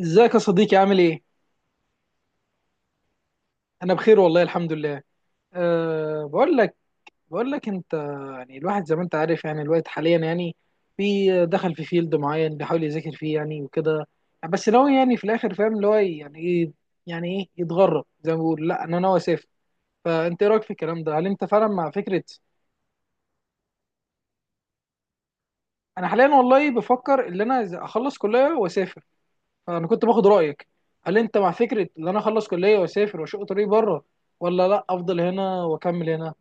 ازيك يا صديقي، عامل ايه؟ انا بخير والله، الحمد لله. أه، بقول لك انت، يعني الواحد زي ما انت عارف، يعني الوقت حاليا يعني في دخل في فيلد معين بيحاول يذاكر فيه يعني وكده. بس ناوي يعني في الاخر، فاهم اللي هو يعني ايه؟ يعني ايه يتغرب؟ زي ما بيقول لا، انا ناوي اسافر. فانت ايه رايك في الكلام ده؟ هل انت فعلا مع فكره انا حاليا والله بفكر ان انا إذا اخلص كليه واسافر، فانا كنت باخد رايك. هل انت مع فكره ان انا اخلص كليه واسافر واشق طريق بره، ولا لا افضل هنا واكمل هنا؟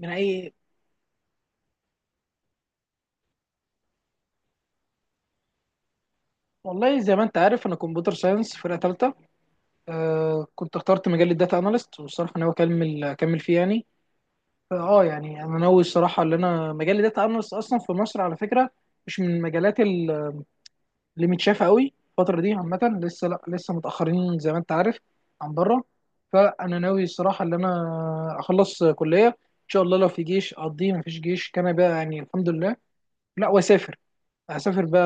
من اي؟ والله زي ما انت عارف انا كمبيوتر ساينس فرقه ثالثه. آه، كنت اخترت مجال الداتا اناليست والصراحه ناوي اكمل فيه يعني. اه يعني انا ناوي الصراحه ان انا مجال الداتا اناليست اصلا في مصر على فكره مش من المجالات اللي متشافه قوي الفتره دي عامه. لسه لا لسه متاخرين زي ما انت عارف عن بره. فانا ناوي الصراحه ان انا اخلص كليه ان شاء الله، لو في جيش اقضيه، مفيش جيش كان بقى يعني الحمد لله، لا واسافر. هسافر بقى،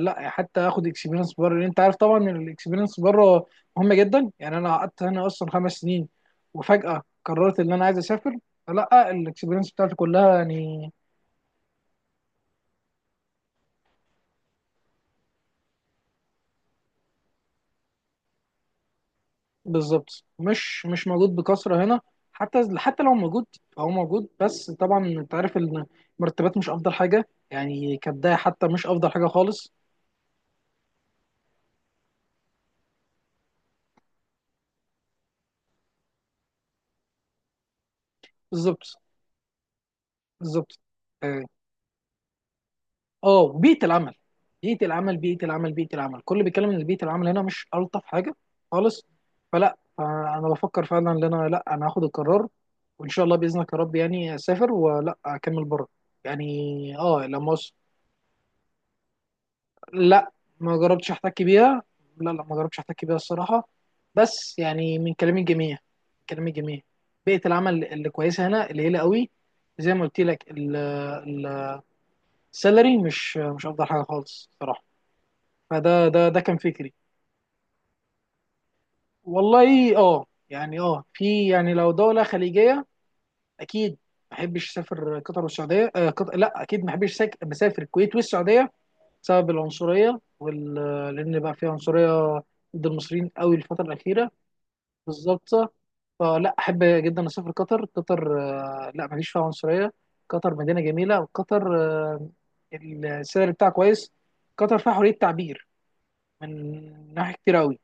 لا حتى اخد اكسبيرينس بره، لان انت عارف طبعا ان الاكسبيرينس بره مهمه جدا. يعني انا قعدت هنا اصلا خمس سنين، وفجاه قررت ان انا عايز اسافر، فلا الاكسبيرينس بتاعتي كلها يعني. بالظبط، مش موجود بكثره هنا. حتى لو موجود فهو موجود، بس طبعا انت عارف ان المرتبات مش افضل حاجه يعني كبدايه، حتى مش افضل حاجه خالص. بالظبط. بالظبط. آه. اه، بيئه العمل. بيئه العمل كل بيتكلم ان بيئه العمل هنا مش الطف حاجه خالص. فلا، فانا بفكر فعلا ان انا لا، انا هاخد القرار، وان شاء الله باذنك يا رب يعني اسافر ولا اكمل بره يعني. اه، لما لا ما جربتش احتك بيها. لا ما جربتش احتك بيها الصراحه، بس يعني من كلام الجميع. كلام الجميع، بيئه العمل اللي كويسه هنا قليله قوي. زي ما قلت لك السالري مش افضل حاجه خالص صراحه. فده ده كان فكري. والله اه يعني اه في يعني لو دولة خليجية اكيد، ما احبش اسافر قطر والسعودية. آه، قطر لا اكيد، ما احبش مسافر الكويت والسعودية، بسبب العنصرية وال... لان بقى في عنصرية ضد المصريين قوي الفترة الأخيرة. بالظبط. فلا احب جدا اسافر قطر. قطر آه لا، ما فيش فيها عنصرية. قطر مدينة جميلة، وقطر آه السعر بتاعها كويس. قطر فيها حرية تعبير من ناحية كتير قوي.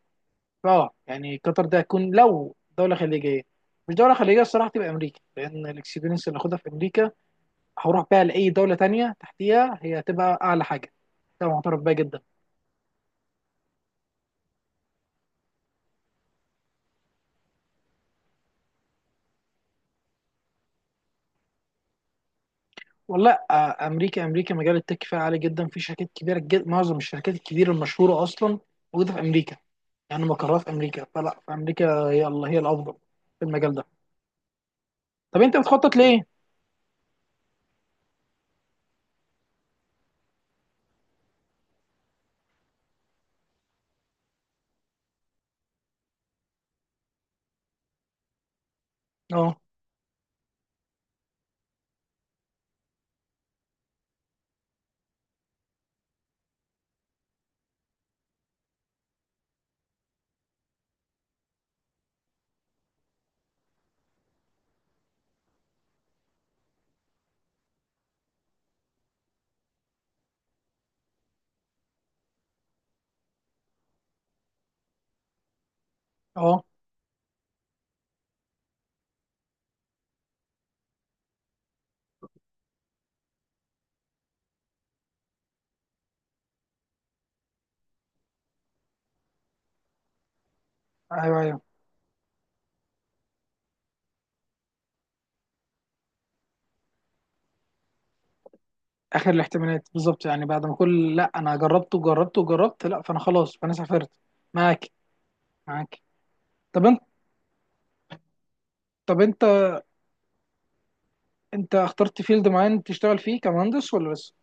اه يعني قطر ده هيكون لو دوله خليجيه. مش دوله خليجيه الصراحه تبقى امريكا، لان الاكسبيرينس اللي هاخدها في امريكا هروح بيها لاي دوله تانية تحتيها، هي هتبقى اعلى حاجه. ده معترف بيها جدا. والله آه، امريكا. امريكا مجال التك فيها عالي جدا، في شركات كبيره جدا، معظم الشركات الكبيره المشهوره اصلا موجوده في امريكا، يعني مقرها في امريكا. فلا في امريكا هي الله هي الافضل في المجال ده. طب انت بتخطط لايه؟ اه. اه. ايوه، ايوه. اخر الاحتمالات بالظبط، يعني بعد ما كل لا، انا جربت وجربت وجربت، لا فانا خلاص فانا سافرت. معاك. معاك. طب انت طب انت انت اخترت فيلد معين تشتغل فيه كمهندس ولا لسه؟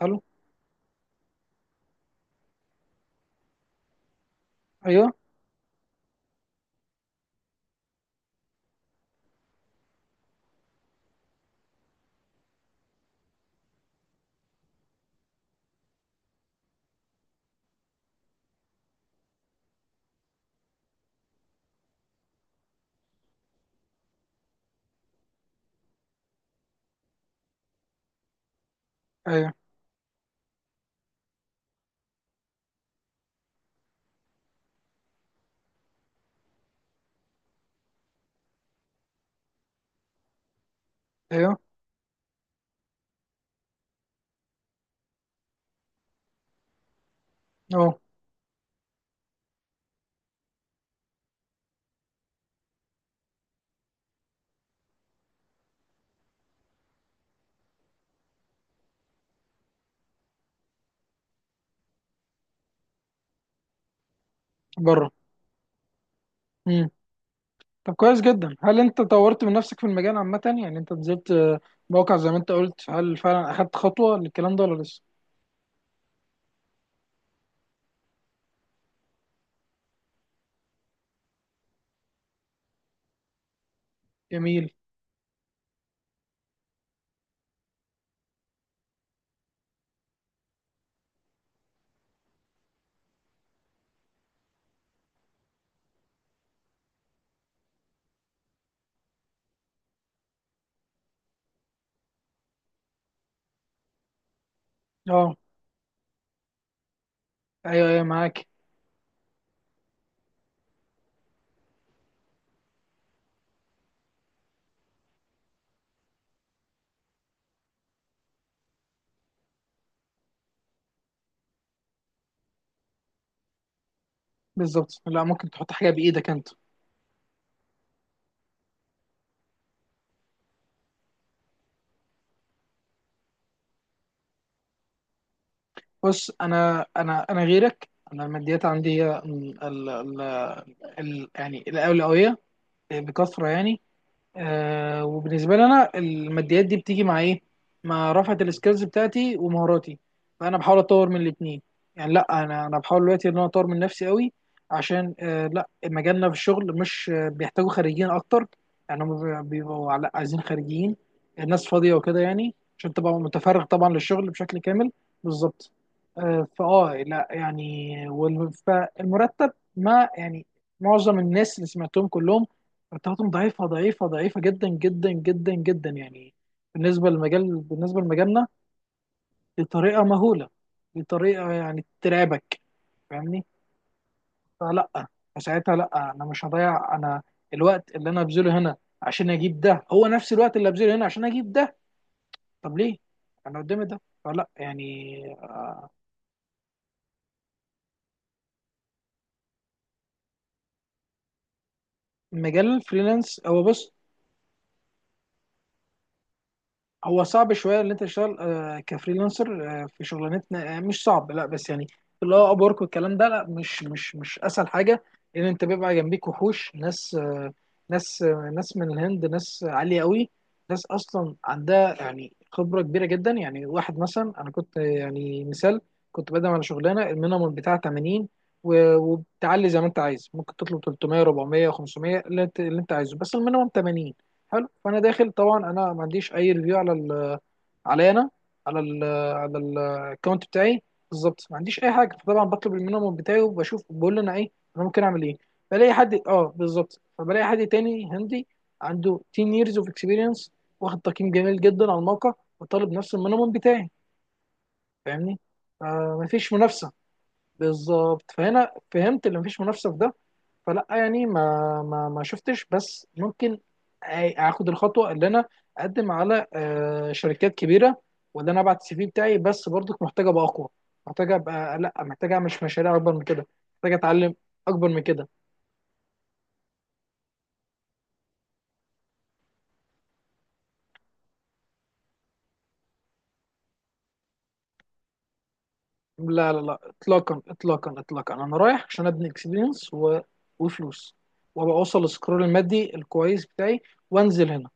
حلو. ايوه، ايوه. ايوه. اه. بره. امم. طب كويس جدا، هل انت طورت من نفسك في المجال عامه؟ يعني انت نزلت آه، موقع زي ما انت قلت، هل فعلا اخدت خطوه للكلام ده ولا لسه؟ جميل. اه، ايوه، ايوه، معاك. بالظبط، لا ممكن تحط حاجه بايدك انت. بص انا انا غيرك، انا الماديات عندي هي ال يعني الاولويه بكثره يعني. آه، وبالنسبه لي انا الماديات دي بتيجي مع ايه؟ مع رفعه السكيلز بتاعتي ومهاراتي، فانا بحاول اطور من الاثنين يعني. لا انا بحاول دلوقتي ان انا اطور من نفسي قوي، عشان آه لا، مجالنا في الشغل مش آه، بيحتاجوا خريجين اكتر يعني. هم بيبقوا على- عايزين خريجين، الناس فاضيه وكده، يعني عشان تبقى متفرغ طبعا للشغل بشكل كامل. بالظبط. آه فاه لا يعني، والم- فالمرتب، ما يعني معظم الناس اللي سمعتهم كلهم التلاته ضعيفه ضعيفه جدا جدا جدا جدا يعني، بالنسبه للمجال، بالنسبه لمجالنا. بطريقه مهوله، بطريقه يعني ترعبك. فاهمني. فلا، فساعتها لا، انا مش هضيع. انا الوقت اللي انا هبذله هنا عشان اجيب ده هو نفس الوقت اللي هبذله هنا عشان اجيب ده، طب ليه؟ انا قدامي ده فلا يعني. مجال الفريلانس، هو بص هو صعب شويه ان انت تشتغل آه، كفريلانسر آه، في شغلانتنا. آه، مش صعب، لا بس يعني اللي هو اب ورك والكلام ده لا، مش اسهل حاجه، لان انت بيبقى جنبيك وحوش ناس آه، ناس آه، ناس من الهند، ناس عاليه قوي، ناس اصلا عندها يعني خبره كبيره جدا. يعني واحد مثلا، انا كنت آه، يعني مثال، كنت بقدم على شغلانه، المينيمم بتاعها 80 وبتعلي زي ما انت عايز ممكن تطلب 300 400 500 اللي انت عايزه بس المينيمم 80. حلو، فانا داخل طبعا، انا ما عنديش اي ريفيو على ال، علي انا، على ال، على الاكونت بتاعي. بالظبط ما عنديش اي حاجه، فطبعا بطلب المينيمم بتاعي وبشوف، بقول له انا ايه، انا ممكن اعمل ايه. بلاقي حد اه بالظبط، فبلاقي حد تاني هندي عنده 10 years of experience، واخد تقييم جميل جدا على الموقع، وطالب نفس المينيمم بتاعي. فاهمني. آه، مفيش منافسه. بالظبط، فهنا فهمت اللي مفيش منافسه في ده. فلا يعني ما شفتش، بس ممكن أ- اخد الخطوه اللي انا اقدم على آه، شركات كبيره، وان انا ابعت السي في بتاعي. بس برضك محتاجه ابقى اقوى، محتاجه ابقى لا، محتاجه اعمل مشاريع اكبر من كده، محتاجه اتعلم اكبر من كده. لا لا اطلاقا اطلاقا، انا رايح عشان ابني اكسبيرينس و... وفلوس، وابقى اوصل للسكرول المادي الكويس بتاعي، وانزل هنا.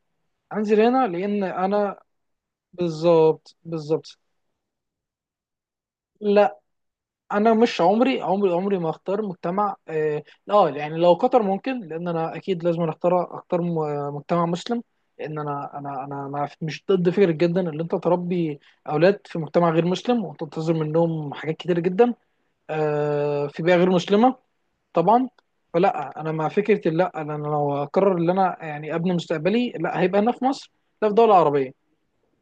انزل هنا لان انا بالظبط. بالظبط. لا، انا مش عمري عمري ما اختار مجتمع اه آه، يعني لو قطر ممكن، لان انا اكيد لازم اختار م- مجتمع مسلم. لان انا مش ضد فكره جدا ان انت تربي اولاد في مجتمع غير مسلم، وتنتظر منهم حاجات كتيره جدا آه في بيئه غير مسلمه. طبعا. فلا انا مع فكره، لا انا لو اقرر ان انا يعني ابني مستقبلي، لا هيبقى هنا في مصر، لا في دوله عربيه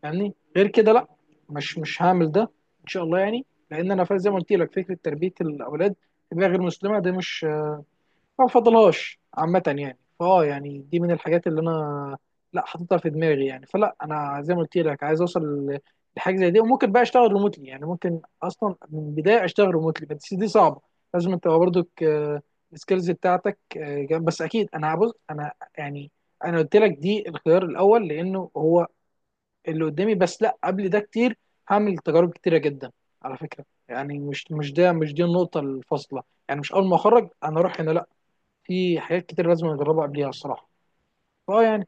يعني، غير كده لا، مش هعمل ده ان شاء الله يعني. لان انا فا- زي ما قلت لك فكره تربيه الاولاد في بيئه غير مسلمه ده مش، ما بفضلهاش عامه يعني. فاه يعني دي من الحاجات اللي انا لا حاططها في دماغي يعني. فلا انا زي ما قلت لك عايز اوصل ل- لحاجه زي دي، وممكن بقى اشتغل ريموتلي يعني. ممكن اصلا من البدايه اشتغل ريموتلي، بس دي صعبه. لازم انت برضك السكيلز بتاعتك آه، جنب-. بس اكيد انا هبص انا يعني، انا قلت لك دي الخيار الاول لانه هو اللي قدامي، بس لا قبل ده كتير هعمل تجارب كتيره جدا على فكره، يعني مش مش ده مش دي النقطه الفاصله يعني، مش اول ما اخرج انا اروح هنا، لا. في حاجات كتير لازم اجربها قبليها الصراحه. اه يعني.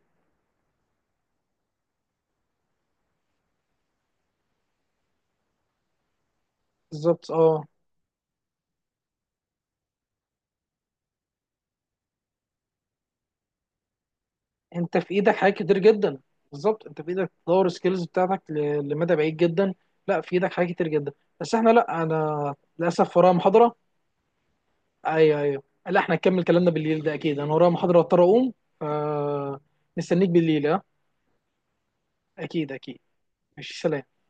بالظبط اه. انت في ايدك حاجات كتير جدا. بالظبط، انت في ايدك تطور السكيلز بتاعتك ل- لمدى بعيد جدا. لا في ايدك حاجات كتير جدا. بس احنا لا، انا للاسف ورايا محاضره. ايوه، ايوه، لا احنا نكمل كلامنا بالليل ده اكيد. انا ورايا محاضره، اضطر اقوم. ف، مستنيك بالليل ها؟ اكيد، اكيد. ماشي، سلام.